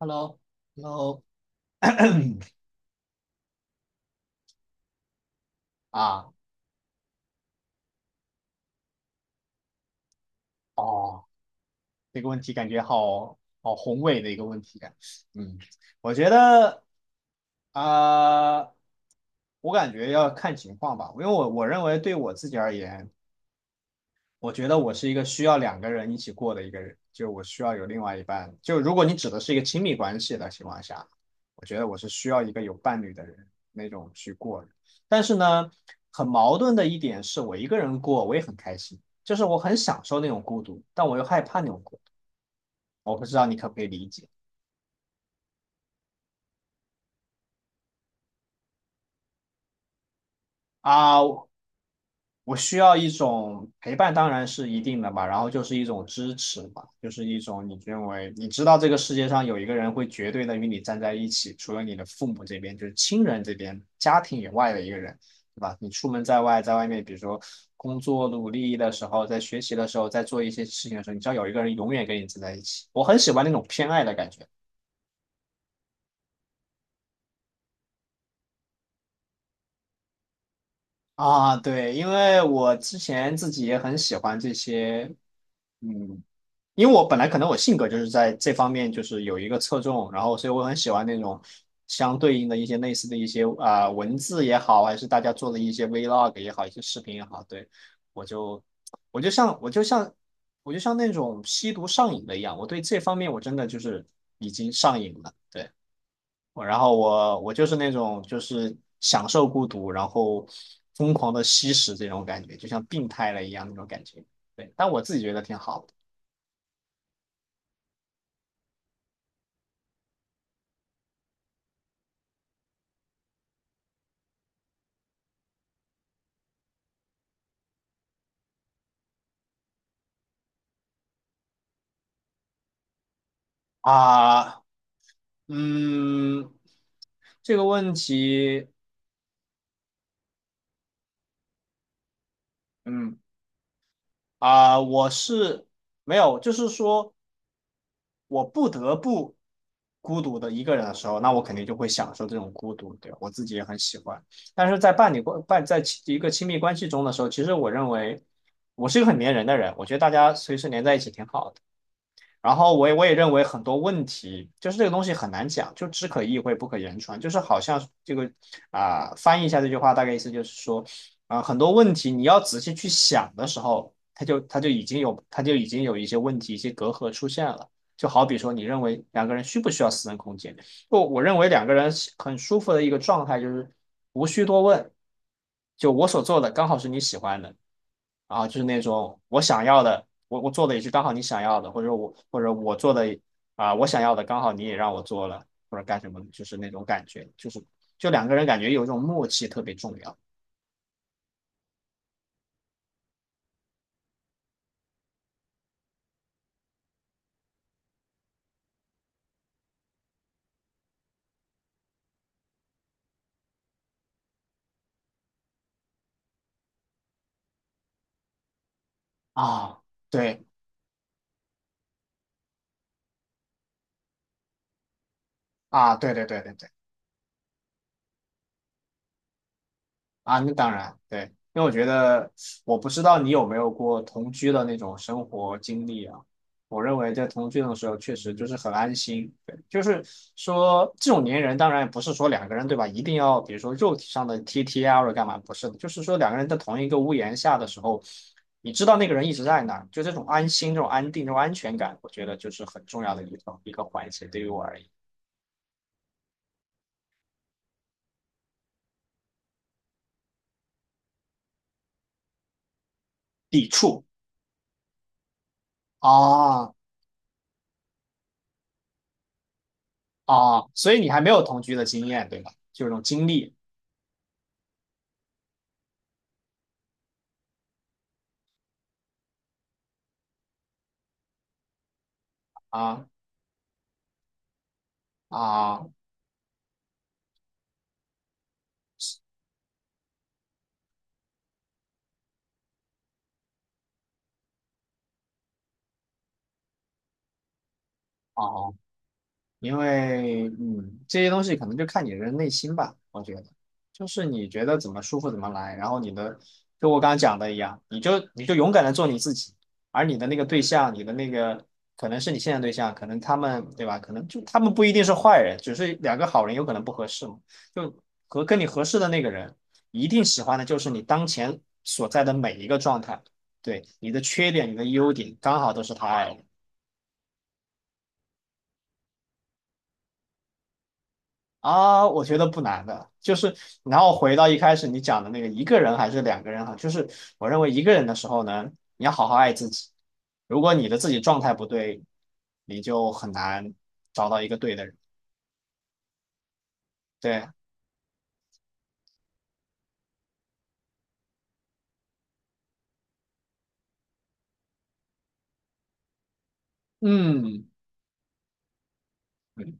Hello,Hello,啊，哦，这个问题感觉好好宏伟的一个问题感。嗯，我觉得啊、我感觉要看情况吧。因为我认为对我自己而言，我觉得我是一个需要两个人一起过的一个人，就我需要有另外一半。就如果你指的是一个亲密关系的情况下，我觉得我是需要一个有伴侣的人那种去过的。但是呢，很矛盾的一点是我一个人过，我也很开心，就是我很享受那种孤独，但我又害怕那种孤独。我不知道你可不可以理解。啊？我需要一种陪伴，当然是一定的吧，然后就是一种支持吧，就是一种你认为你知道这个世界上有一个人会绝对的与你站在一起，除了你的父母这边，就是亲人这边、家庭以外的一个人，对吧？你出门在外，在外面，比如说工作努力的时候，在学习的时候，在做一些事情的时候，你知道有一个人永远跟你站在一起，我很喜欢那种偏爱的感觉。啊，对，因为我之前自己也很喜欢这些。嗯，因为我本来可能我性格就是在这方面就是有一个侧重，然后所以我很喜欢那种相对应的一些类似的一些文字也好，还是大家做的一些 vlog 也好，一些视频也好，对。我就我就像我就像我就像那种吸毒上瘾的一样，我对这方面我真的就是已经上瘾了，对。我然后我我就是那种就是享受孤独，然后疯狂的吸食这种感觉，就像病态了一样那种感觉，对。但我自己觉得挺好。的。啊，嗯，这个问题。嗯我是没有，就是说我不得不孤独的一个人的时候，那我肯定就会享受这种孤独，对，我自己也很喜欢。但是在伴侣关伴在亲一个亲密关系中的时候，其实我认为我是一个很粘人的人，我觉得大家随时粘在一起挺好的。然后我也认为很多问题就是这个东西很难讲，就只可意会不可言传，就是好像这个翻译一下这句话大概意思就是说，很多问题你要仔细去想的时候，它就已经有一些问题一些隔阂出现了。就好比说，你认为两个人需不需要私人空间？我认为两个人很舒服的一个状态就是无需多问，就我所做的刚好是你喜欢的，啊，就是那种我想要的，我我做的也是刚好你想要的，或者我做的，我想要的刚好你也让我做了，或者干什么，就是那种感觉，就是就两个人感觉有一种默契特别重要。啊，对啊，对对对对对。啊，那当然，对。因为我觉得，我不知道你有没有过同居的那种生活经历啊。我认为在同居的时候，确实就是很安心。对，就是说这种粘人，当然也不是说两个人对吧，一定要比如说肉体上的贴贴啊或者干嘛，不是的，就是说两个人在同一个屋檐下的时候，你知道那个人一直在那儿就这种安心、这种安定、这种安全感，我觉得就是很重要的一个环节，对于我而言。抵触。啊所以你还没有同居的经验，对吧？就有这种经历。啊啊哦，因为，这些东西可能就看你的内心吧，我觉得。就是你觉得怎么舒服怎么来，然后你的，就我刚刚讲的一样，你就勇敢的做你自己。而你的那个对象，你的那个可能是你现在对象，可能他们对吧？可能就他们不一定是坏人，只是两个好人有可能不合适嘛，就和跟你合适的那个人，一定喜欢的就是你当前所在的每一个状态。对，你的缺点，你的优点，刚好都是他爱的。啊，我觉得不难的。就是然后回到一开始你讲的那个一个人还是两个人哈，就是我认为一个人的时候呢，你要好好爱自己。如果你的自己状态不对，你就很难找到一个对的人。对。嗯，嗯，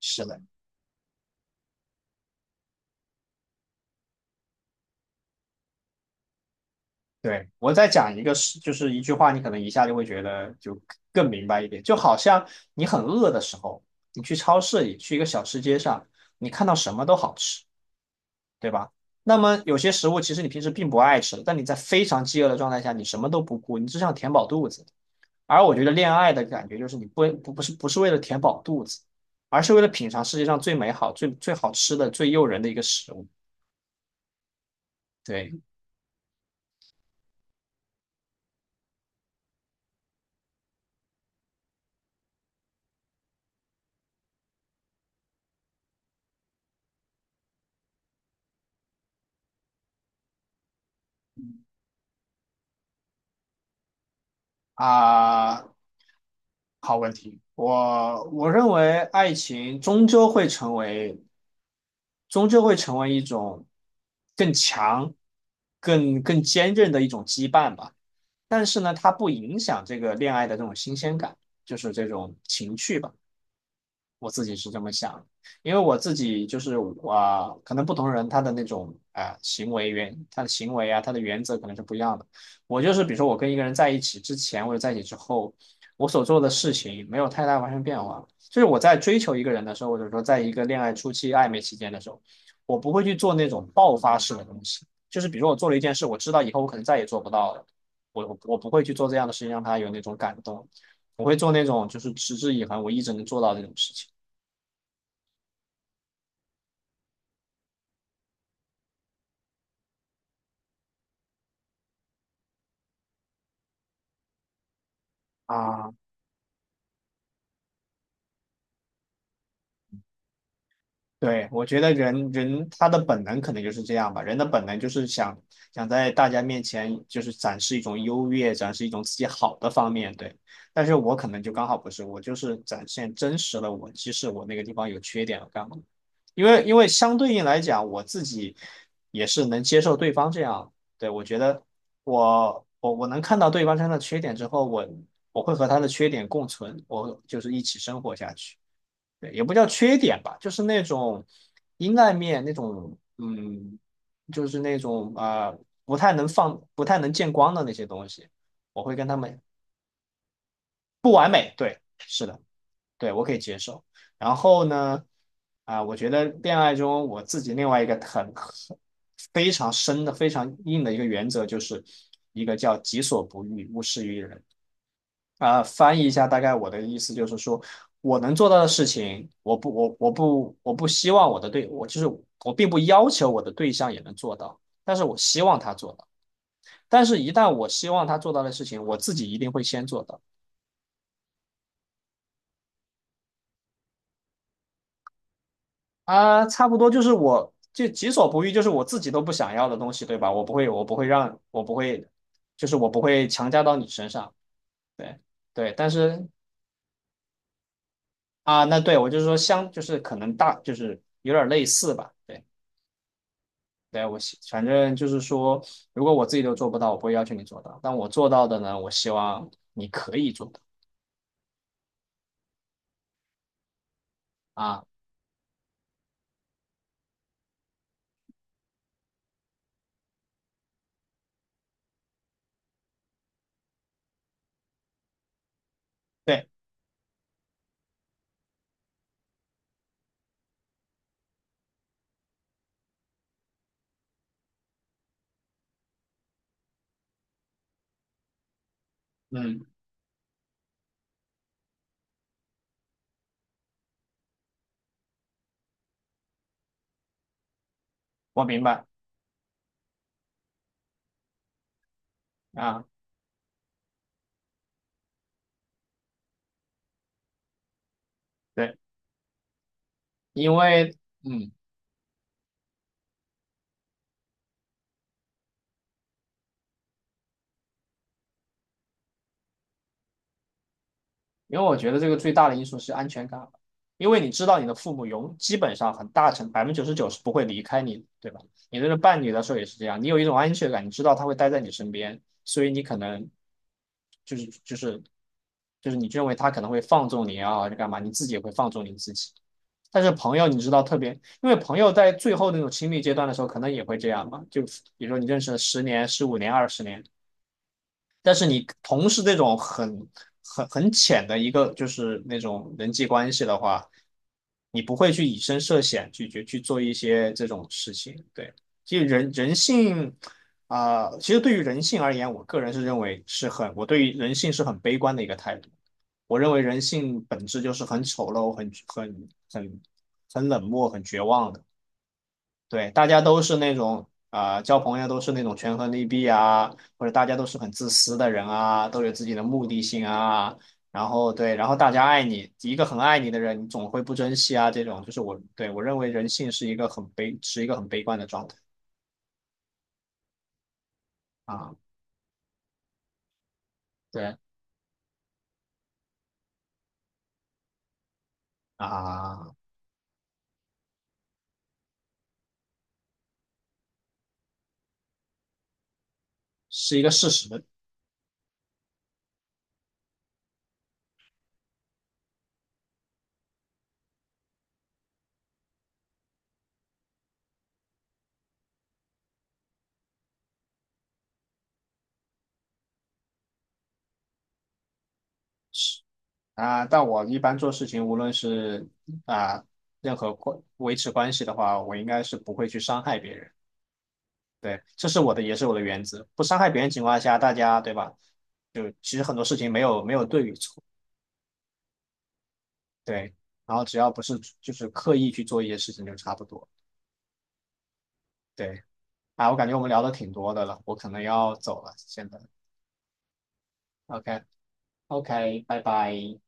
是的，对。我再讲一个事，就是一句话，你可能一下就会觉得就更明白一点。就好像你很饿的时候，你去超市里，去一个小吃街上，你看到什么都好吃。对吧？那么有些食物其实你平时并不爱吃，但你在非常饥饿的状态下，你什么都不顾，你只想填饱肚子。而我觉得恋爱的感觉就是你不是为了填饱肚子，而是为了品尝世界上最美好、最好吃的、最诱人的一个食物。对。啊，好问题。我认为爱情终究会成为一种更强、更坚韧的一种羁绊吧。但是呢，它不影响这个恋爱的这种新鲜感，就是这种情趣吧。我自己是这么想的。因为我自己就是，可能不同人他的那种，啊、呃行为原，他的行为啊，他的原则可能是不一样的。我就是比如说我跟一个人在一起之前，或者在一起之后，我所做的事情没有太大发生变化。就是我在追求一个人的时候，或者说在一个恋爱初期、暧昧期间的时候，我不会去做那种爆发式的东西。就是比如说我做了一件事，我知道以后我可能再也做不到了，我不会去做这样的事情，让他有那种感动。我会做那种就是持之以恒，我一直能做到这种事情。啊，对，我觉得人人他的本能可能就是这样吧，人的本能就是想在大家面前就是展示一种优越，展示一种自己好的方面，对。但是我可能就刚好不是，我就是展现真实的我，即使我那个地方有缺点，我干嘛？因为相对应来讲，我自己也是能接受对方这样。对，我觉得，我能看到对方身上的缺点之后，我我会和他的缺点共存，我就是一起生活下去。对，也不叫缺点吧，就是那种阴暗面，那种，嗯，就是那种，不太能放、不太能见光的那些东西，我会跟他们不完美，对，是的，对我可以接受。然后呢，我觉得恋爱中我自己另外一个很很非常深的、非常硬的一个原则，就是一个叫己所不欲，勿施于人。翻译一下，大概我的意思就是说，我能做到的事情，我不希望我并不要求我的对象也能做到，但是我希望他做到。但是，一旦我希望他做到的事情，我自己一定会先做到。差不多就是我就己所不欲，就是我自己都不想要的东西，对吧？我不会，我不会让，我不会，就是我不会强加到你身上。对对。但是，那对我就是说相，就是可能大，就是有点类似吧。对。对，反正就是说，如果我自己都做不到，我不会要求你做到。但我做到的呢，我希望你可以做到。啊，对，嗯，我明白。啊，对，因为，嗯，因为我觉得这个最大的因素是安全感。因为你知道你的父母基本上很大程99%是不会离开你对吧？你这个伴侣的时候也是这样，你有一种安全感，你知道他会待在你身边，所以你可能，就是就是你认为他可能会放纵你啊，就干嘛？你自己也会放纵你自己。但是朋友，你知道特别，因为朋友在最后那种亲密阶段的时候，可能也会这样嘛。就比如说你认识了十年、15年、20年，但是你同时这种很浅的一个就是那种人际关系的话，你不会去以身涉险去做一些这种事情。对，其实人人性，其实对于人性而言，我个人是认为是很，我对于人性是很悲观的一个态度。我认为人性本质就是很丑陋、很冷漠、很绝望的。对，大家都是那种，交朋友都是那种权衡利弊啊，或者大家都是很自私的人啊，都有自己的目的性啊。然后对，然后大家爱你，一个很爱你的人，你总会不珍惜啊。这种就是我对我认为人性是一个很悲，是一个很悲观的状态。啊，对啊，是一个事实。啊，但我一般做事情，无论是，啊任何维持关系的话，我应该是不会去伤害别人。对，这是我的，也是我的原则。不伤害别人情况下，大家对吧？就其实很多事情没有对与错，对。然后只要不是就是刻意去做一些事情，就差不多。对，啊，我感觉我们聊的挺多的了，我可能要走了，现在。OK。 OK,拜拜。